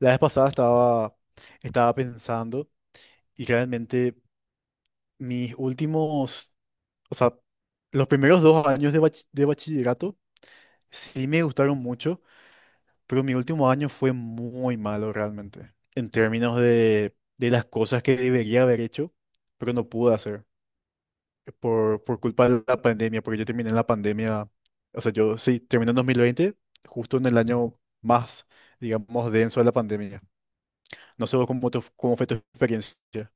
La vez pasada estaba pensando y realmente mis últimos, o sea, los primeros dos años de, de bachillerato sí me gustaron mucho, pero mi último año fue muy malo realmente, en términos de las cosas que debería haber hecho, pero no pude hacer por culpa de la pandemia, porque yo terminé en la pandemia, o sea, yo sí, terminé en 2020 justo en el año más, digamos, denso de la pandemia. No sé vos cómo, cómo fue tu experiencia.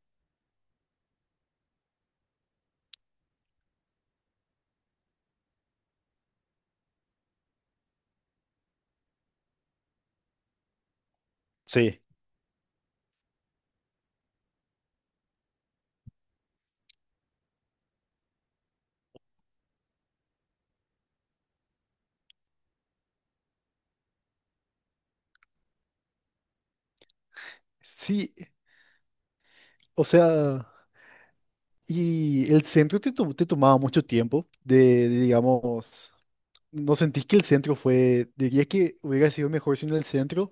Sí, sí, o sea, y el centro te, te tomaba mucho tiempo de, digamos, ¿no sentís que el centro fue, dirías que hubiera sido mejor sin el centro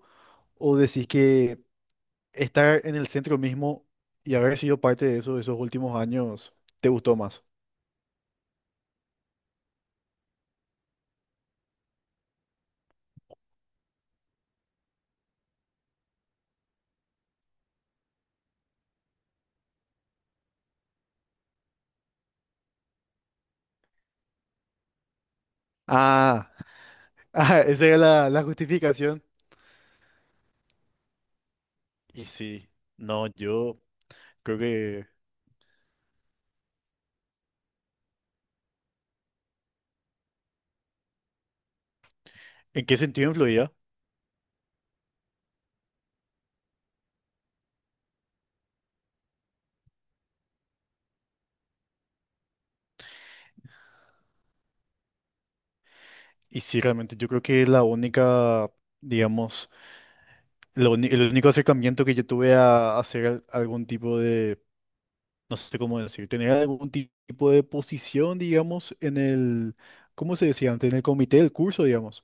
o decís que estar en el centro mismo y haber sido parte de eso, de esos últimos años, te gustó más? Ah, ah, esa era la, la justificación. Y sí, no, yo creo que, ¿en qué sentido influía? Y sí, realmente yo creo que la única, digamos, El único acercamiento que yo tuve a hacer algún tipo de, no sé cómo decir, tener algún tipo de posición, digamos, en el, ¿cómo se decía antes? En el comité del curso, digamos.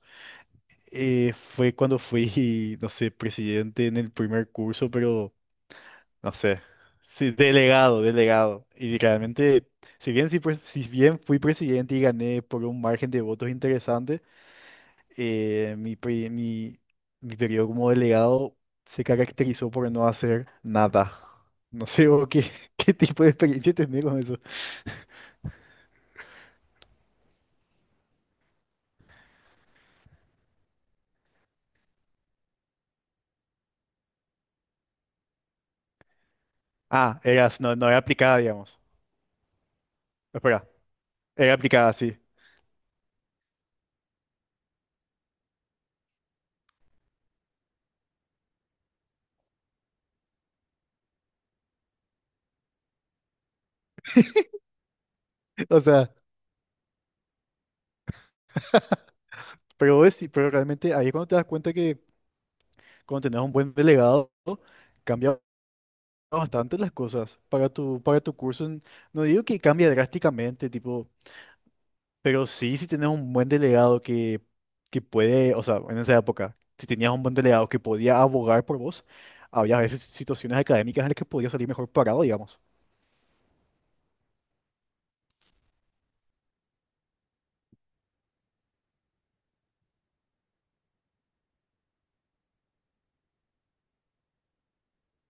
Fue cuando fui, no sé, presidente en el primer curso, pero no sé, sí, delegado. Y realmente, si bien, sí, pues, si bien fui presidente y gané por un margen de votos interesante, eh, mi, pri- mi, mi periodo como delegado se caracterizó por no hacer nada. No sé vos qué, qué tipo de experiencia tenés con eso. Ah, eras, no, no era aplicada, digamos. Espera, era aplicada, sí. O sea, pero, pero realmente ahí es cuando te das cuenta que cuando tenés un buen delegado, cambia bastante las cosas para para tu curso. No digo que cambie drásticamente, tipo, pero sí, si tenés un buen delegado que puede, o sea, en esa época, si tenías un buen delegado que podía abogar por vos, había a veces situaciones académicas en las que podías salir mejor parado, digamos.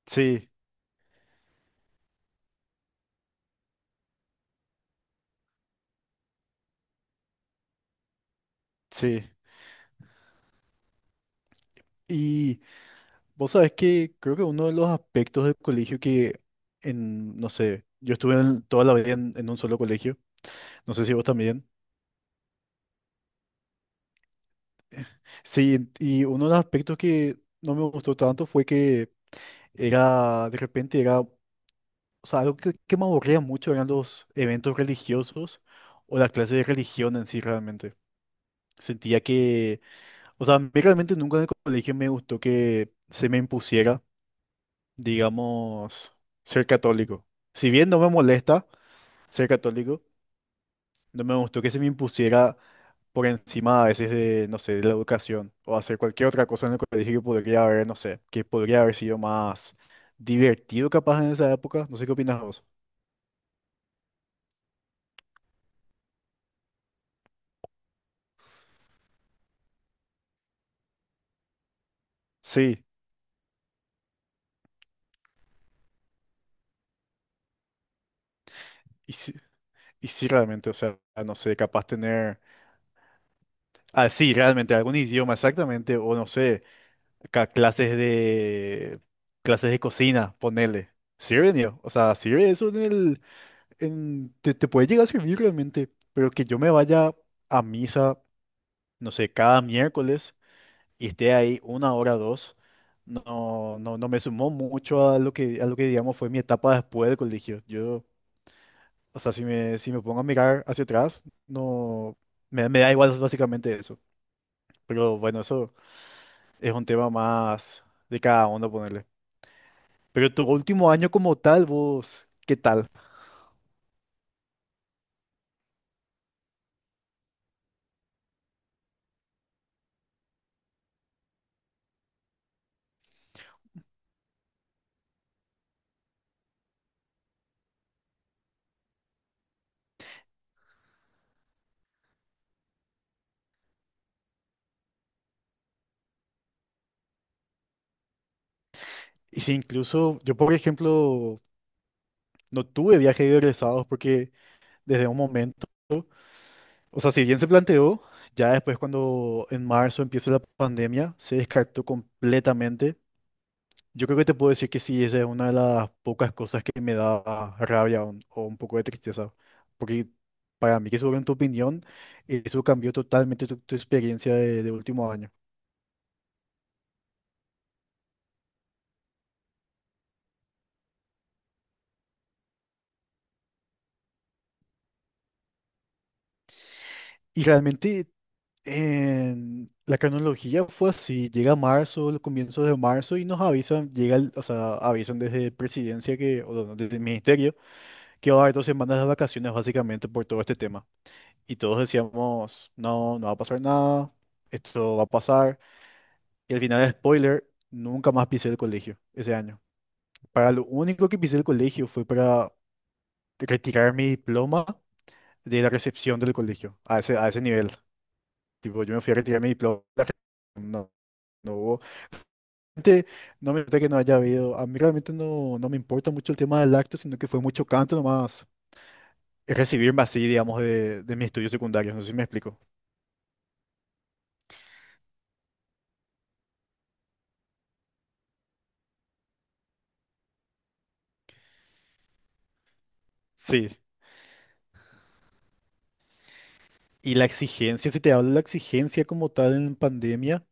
Sí, sí. Y vos sabés que creo que uno de los aspectos del colegio que, en, no sé, yo estuve toda la vida en un solo colegio, no sé si vos también. Sí, y uno de los aspectos que no me gustó tanto fue que era, de repente, era, o sea, algo que me aburría mucho eran los eventos religiosos o la clase de religión en sí realmente. Sentía que, o sea, a mí realmente nunca en el colegio me gustó que se me impusiera, digamos, ser católico. Si bien no me molesta ser católico, no me gustó que se me impusiera por encima a veces de, no sé, de la educación o hacer cualquier otra cosa en el colegio que podría haber, no sé, que podría haber sido más divertido capaz en esa época. No sé qué opinas vos. Sí. Y sí, realmente, o sea, no sé, capaz tener, ah, sí, realmente algún idioma exactamente, o no sé, ca- clases de, clases de cocina, ponele. Sirve, niño, o sea, sirve eso en el, en, te puede llegar a servir realmente, pero que yo me vaya a misa, no sé, cada miércoles y esté ahí una hora, dos, no, no, no me sumó mucho a lo que digamos fue mi etapa después del colegio. Yo, o sea, si me, si me pongo a mirar hacia atrás, no, me da igual básicamente eso. Pero bueno, eso es un tema más de cada uno ponerle. Pero tu último año como tal, vos, ¿qué tal? Y si incluso, yo por ejemplo, no tuve viaje de egresados porque desde un momento, o sea, si bien se planteó, ya después cuando en marzo empieza la pandemia, se descartó completamente. Yo creo que te puedo decir que sí, esa es una de las pocas cosas que me da rabia o un poco de tristeza, porque para mí que sobre en tu opinión, eso cambió totalmente tu, tu experiencia de último año. Y realmente en la cronología fue así, llega marzo, los comienzos de marzo y nos avisan, o sea, avisan desde presidencia que, o no, desde el ministerio que va a haber 2 semanas de vacaciones básicamente por todo este tema. Y todos decíamos, no, no va a pasar nada, esto va a pasar. Y al final, spoiler, nunca más pisé el colegio ese año. Para lo único que pisé el colegio fue para retirar mi diploma de la recepción del colegio, a ese nivel. Tipo, yo me fui a retirar mi diploma, no, no hubo... Realmente, no me importa que no haya habido, a mí realmente no, no me importa mucho el tema del acto, sino que fue mucho canto nomás recibirme así, digamos, de mis estudios secundarios, no sé si me explico. Sí. Y la exigencia, si te hablo de la exigencia como tal en pandemia,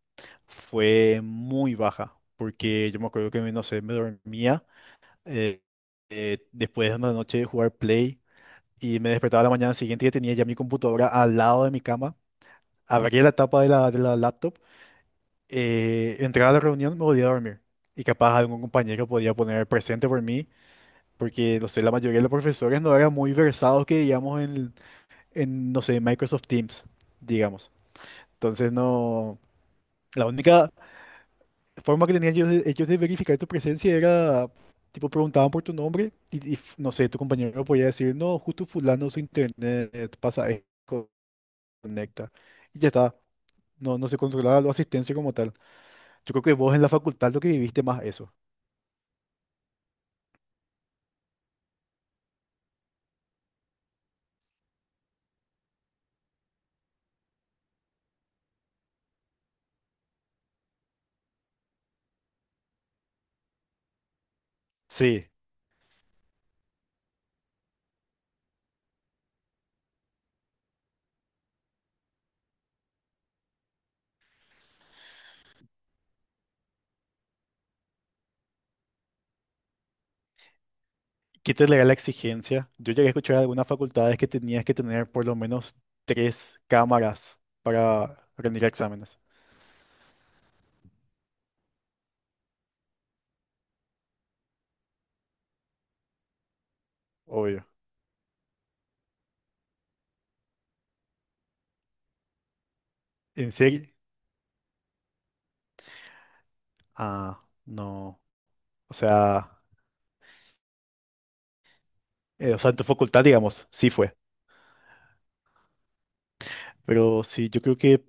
fue muy baja, porque yo me acuerdo que, no sé, me dormía eh, después de una noche de jugar Play y me despertaba la mañana siguiente y tenía ya mi computadora al lado de mi cama, abría la tapa de la laptop, entraba a la reunión, me volvía a dormir. Y capaz algún compañero podía poner presente por mí, porque, no sé, la mayoría de los profesores no eran muy versados que digamos en no sé, Microsoft Teams, digamos. Entonces no, la única forma que tenían ellos de verificar tu presencia era, tipo, preguntaban por tu nombre y, no sé, tu compañero podía decir, no, justo fulano su internet pasa, esto, conecta. Y ya está, no, no se controlaba la asistencia como tal. Yo creo que vos en la facultad lo que viviste más eso. Sí, quítale la exigencia. Yo llegué a escuchar algunas facultades que tenías que tener por lo menos 3 cámaras para rendir exámenes, obvio. ¿En serio? Ah, no. O sea, o sea, en tu facultad, digamos, sí fue. Pero sí, yo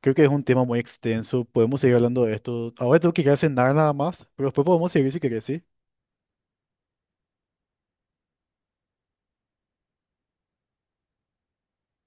creo que es un tema muy extenso. Podemos seguir hablando de esto. Ahora tengo que ir a cenar nada más, pero después podemos seguir si querés, ¿sí?